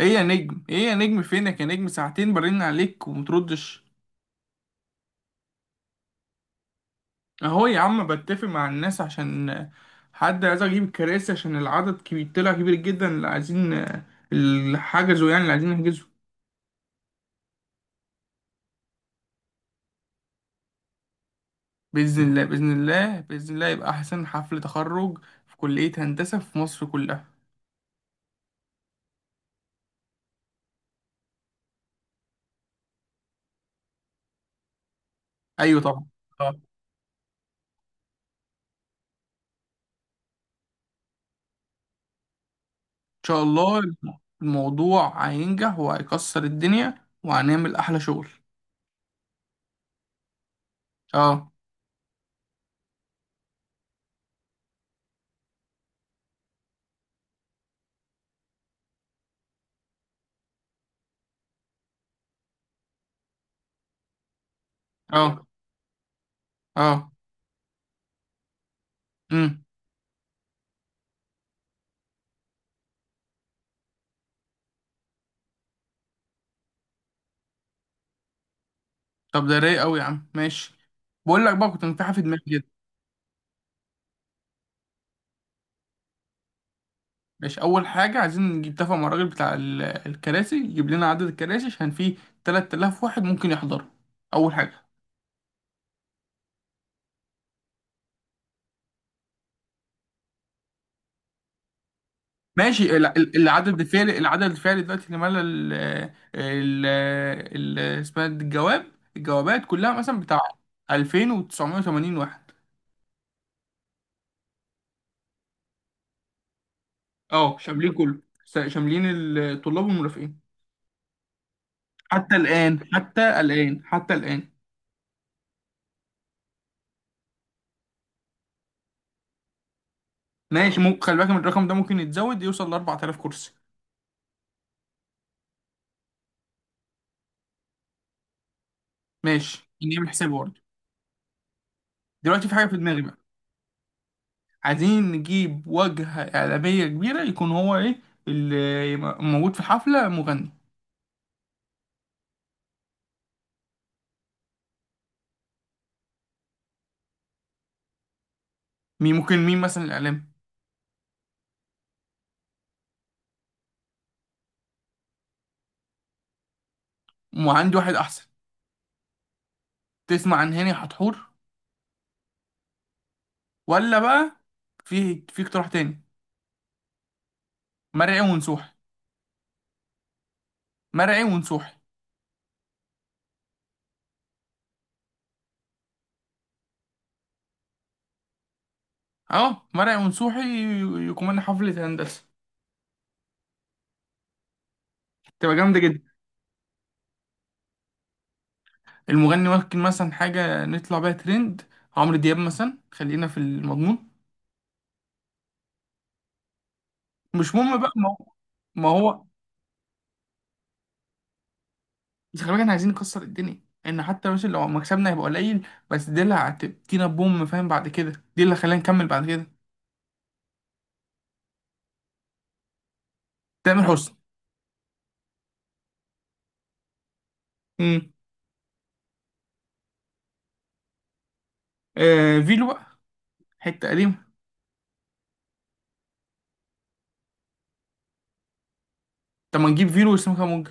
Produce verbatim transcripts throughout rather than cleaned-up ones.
ايه يا نجم ايه يا نجم فينك يا نجم، ساعتين برن عليك ومتردش. اهو يا عم بتفق مع الناس عشان حد عايز اجيب الكراسي، عشان العدد كبير، طلع كبير جدا اللي عايزين، اللي حجزوا يعني اللي عايزين نحجزه. باذن الله باذن الله باذن الله يبقى احسن حفل تخرج في كلية هندسة في مصر كلها. ايوه طبعا. آه. ان شاء الله الموضوع هينجح وهيكسر الدنيا وهنعمل احلى شغل. اه. اه. اه. امم طب ده رايق قوي يا عم، ماشي. بقول لك بقى كنت متاحة في دماغي كده. ماشي، اول حاجه عايزين نجيب، تفق مع الراجل بتاع ال- الكراسي، يجيب لنا عدد الكراسي عشان فيه تلات تلاف واحد ممكن يحضروا. اول حاجه. ماشي، ال- ال- العدد الفعلي، العدد الفعلي دلوقتي اللي مال ال ال ال- اسمها دي الجواب. الجوابات كلها مثلا بتاع ألفين وتسعمائة وثمانين واحد. اه شاملين كله، س- شاملين الطلاب والمرافقين. حتى الان حتى الان حتى الان. ماشي، ممكن خلي بالك من الرقم ده، ممكن يتزود يوصل ل اربع تلاف كرسي. ماشي نعمل حساب برضه. دلوقتي في حاجه في دماغي بقى. عايزين نجيب واجهه اعلاميه كبيره، يكون هو ايه اللي يبقى موجود في الحفله، مغني. مين ممكن، مين مثلا الاعلام. وعندي واحد احسن. تسمع عن هاني حتحور؟ ولا بقى في في اقتراح تاني. مرعي ونسوحي. مرعي ونسوحي. اه مرعي ونسوحي يكون حفله هندسه، تبقى جامده جدا. المغني ممكن مثلا حاجة نطلع بيها ترند، عمرو دياب مثلا، خلينا في المضمون. مش مهم بقى، ما هو. ما هو بس خلي بالك احنا عايزين نكسر الدنيا، ان حتى مثلا لو مكسبنا هيبقى قليل، بس دي اللي هتدينا بوم، فاهم، بعد كده دي اللي هتخلينا نكمل بعد كده. تامر حسني. امم آه فيلو بقى، حتة قديمة. طب ما نجيب فيلو وسام كامونج.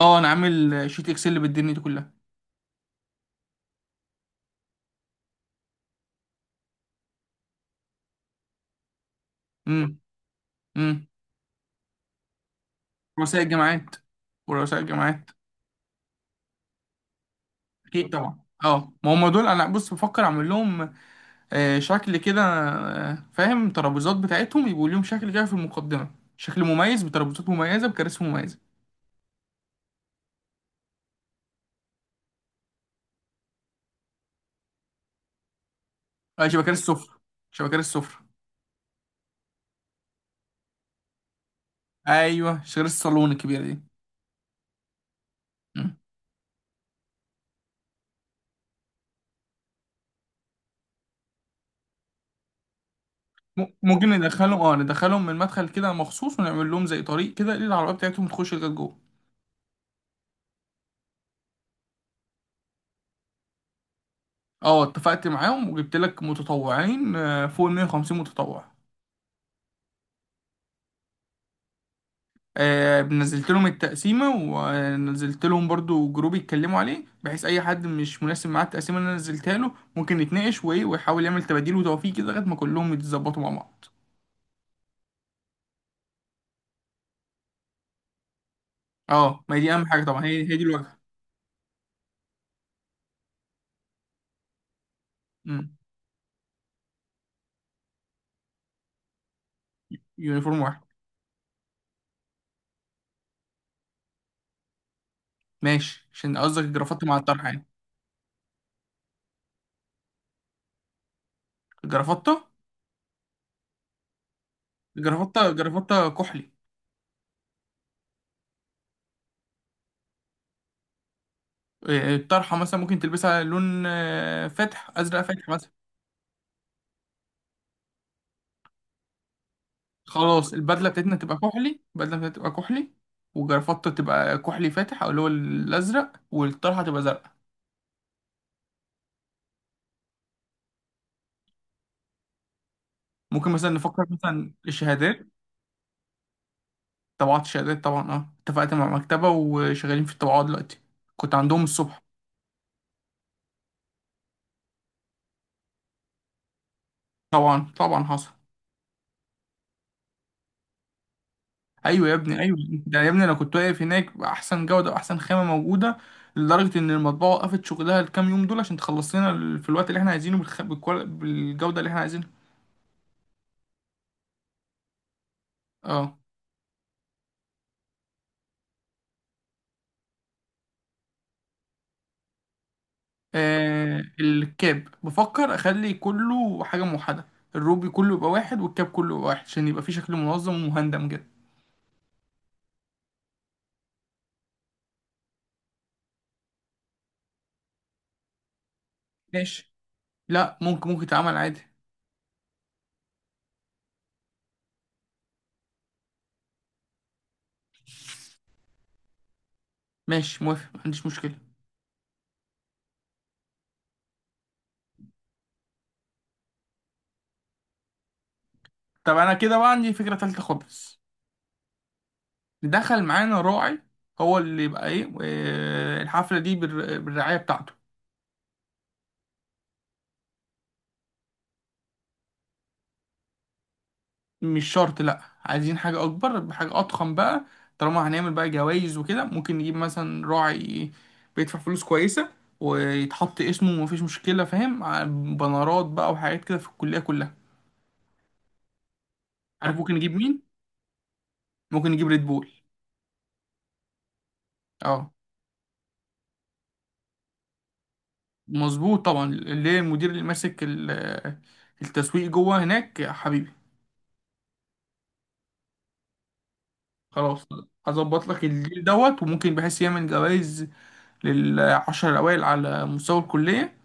اه انا عامل آه، شيت اكسل بالدنيا دي كلها. امم. امم. رؤساء الجامعات. ورؤساء الجامعات. اكيد طبعا. اه ما هم دول انا بص بفكر اعمل لهم آه، شكل كده، آه، فاهم، ترابيزات بتاعتهم يبقوا ليهم شكل كده في المقدمة، شكل مميز بترابيزات مميزة بكراسي مميزة. آه شبكات السفرة. شبكات السفرة. أيوه شبكات الصالون الكبيرة دي. مم. م- ممكن ندخلهم، اه ندخلهم من المدخل كده مخصوص، ونعمل لهم زي طريق كده للعربية بتاعتهم تخش لغاية جوه. اه اتفقت معاهم وجبت لك متطوعين آه، فوق ال مية وخمسين متطوع. آه، نزلت لهم التقسيمة ونزلت لهم برضو جروب يتكلموا عليه، بحيث أي حد مش مناسب معاه التقسيمة اللي أنا نزلتها له ممكن يتناقش وإيه، ويحاول يعمل تباديل وتوفيق كده لغاية ما كلهم يتظبطوا مع بعض. أه ما هي دي أهم حاجة طبعا، هي هي دي الواجهة. أمم، يونيفورم واحد. ماشي، عشان قصدك الجرافطة مع الطرحة يعني. الجرافطة الجرافطة الجرافطة كحلي. آه، الطرحة مثلا ممكن تلبسها لون آه، فاتح، أزرق فاتح مثلا. خلاص البدله بتاعتنا تبقى كحلي، البدله بتاعتنا تبقى كحلي، وجرافطة تبقى كحلي فاتح او اللي هو الازرق، والطرحه تبقى زرقاء. ممكن مثلا نفكر مثلا الشهادات. طبعات الشهادات طبعا، اه اتفقت مع مكتبه وشغالين في الطباعه دلوقتي. كنت عندهم الصبح. طبعا طبعا حصل. ايوه يا ابني ايوه. ده يا ابني انا كنت واقف هناك باحسن جوده واحسن خامه موجوده، لدرجه ان المطبعه وقفت شغلها الكام يوم دول عشان تخلص لنا ال- في الوقت اللي احنا عايزينه بالخ... بالكوال... بالجوده اللي احنا عايزينها. اه. آه الكاب بفكر اخلي كله حاجه موحده، الروبي كله يبقى واحد، والكاب كله يبقى واحد، عشان يبقى فيه شكل منظم ومهندم كده. ماشي. لا ممكن ممكن يتعمل عادي. ماشي موافق، ما عنديش مشكله. طب انا كده بقى عندي فكره تالتة خالص. دخل معانا راعي، هو اللي يبقى ايه آه الحفله دي بالر- بالرعايه بتاعته. مش شرط، لا عايزين حاجة أكبر، بحاجة أضخم بقى. طالما هنعمل بقى جوايز وكده، ممكن نجيب مثلا راعي بيدفع فلوس كويسة، ويتحط اسمه ومفيش مشكلة، فاهم، ع- بنرات بقى وحاجات كده في الكلية كلها. عارف ممكن نجيب مين؟ ممكن نجيب ريد بول. اه. مظبوط طبعا اللي هي المدير اللي ماسك ال- التسويق جوه هناك يا حبيبي. خلاص. هظبط لك الديل دوت، وممكن بحيث يعمل جوائز للعشر الأوائل على مستوى الكلية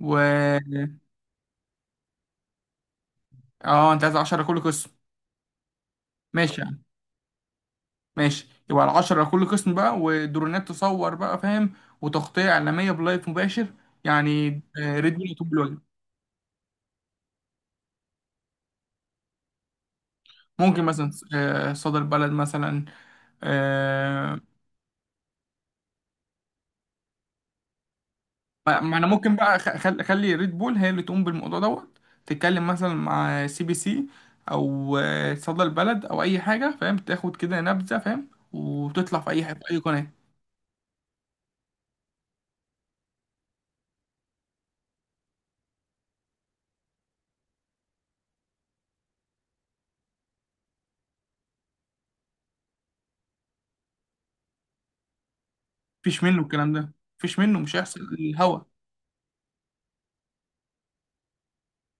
و... اه انت عايز عشرة كل قسم. ماشي يعني. ماشي يبقى ال عشرة كل قسم بقى، ودرونات تصور بقى فاهم، وتغطية إعلامية بلايف مباشر يعني آه، ريد بول يطوب الواجب. ممكن مثلا آه، صدر بلد مثلا. آه، ما ما انا ممكن بقى أخ- أخل- اخلي ريد بول هي اللي تقوم بالموضوع دوت، تتكلم مثلا مع سي بي سي او آه، صدر بلد او اي حاجة، فاهم، تاخد كده نبذة، فاهم، وتطلع في اي حاجة في اي قناة. مفيش منه الكلام ده. مفيش منه، مش هيحصل الهوا.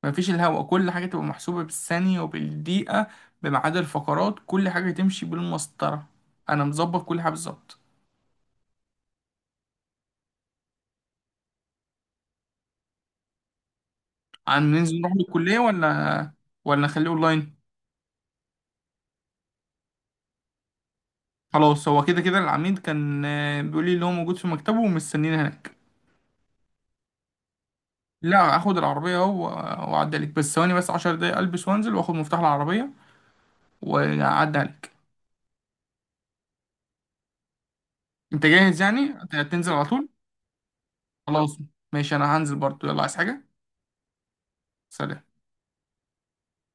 مفيش الهوا، كل حاجة تبقى محسوبة بالثانية وبالدقيقة، بميعاد الفقرات، كل حاجة تمشي بالمسطرة. أنا مظبط كل حاجة بالظبط. عن ننزل نروح للكلية ولا؟ ولا نخليه أونلاين. خلاص هو كده كده العميد كان آه، بيقول لي اللي هو موجود في مكتبه ومستنيني هناك. لا هاخد العربية أهو و... وأعدي عليك، بس ثواني، بس عشر دقايق ألبس وأنزل وآخد مفتاح العربية وأعدي عليك. أنت جاهز يعني هتنزل على طول؟ خلاص ماشي، أنا هنزل برضه يلا، عايز حاجة؟ سلام.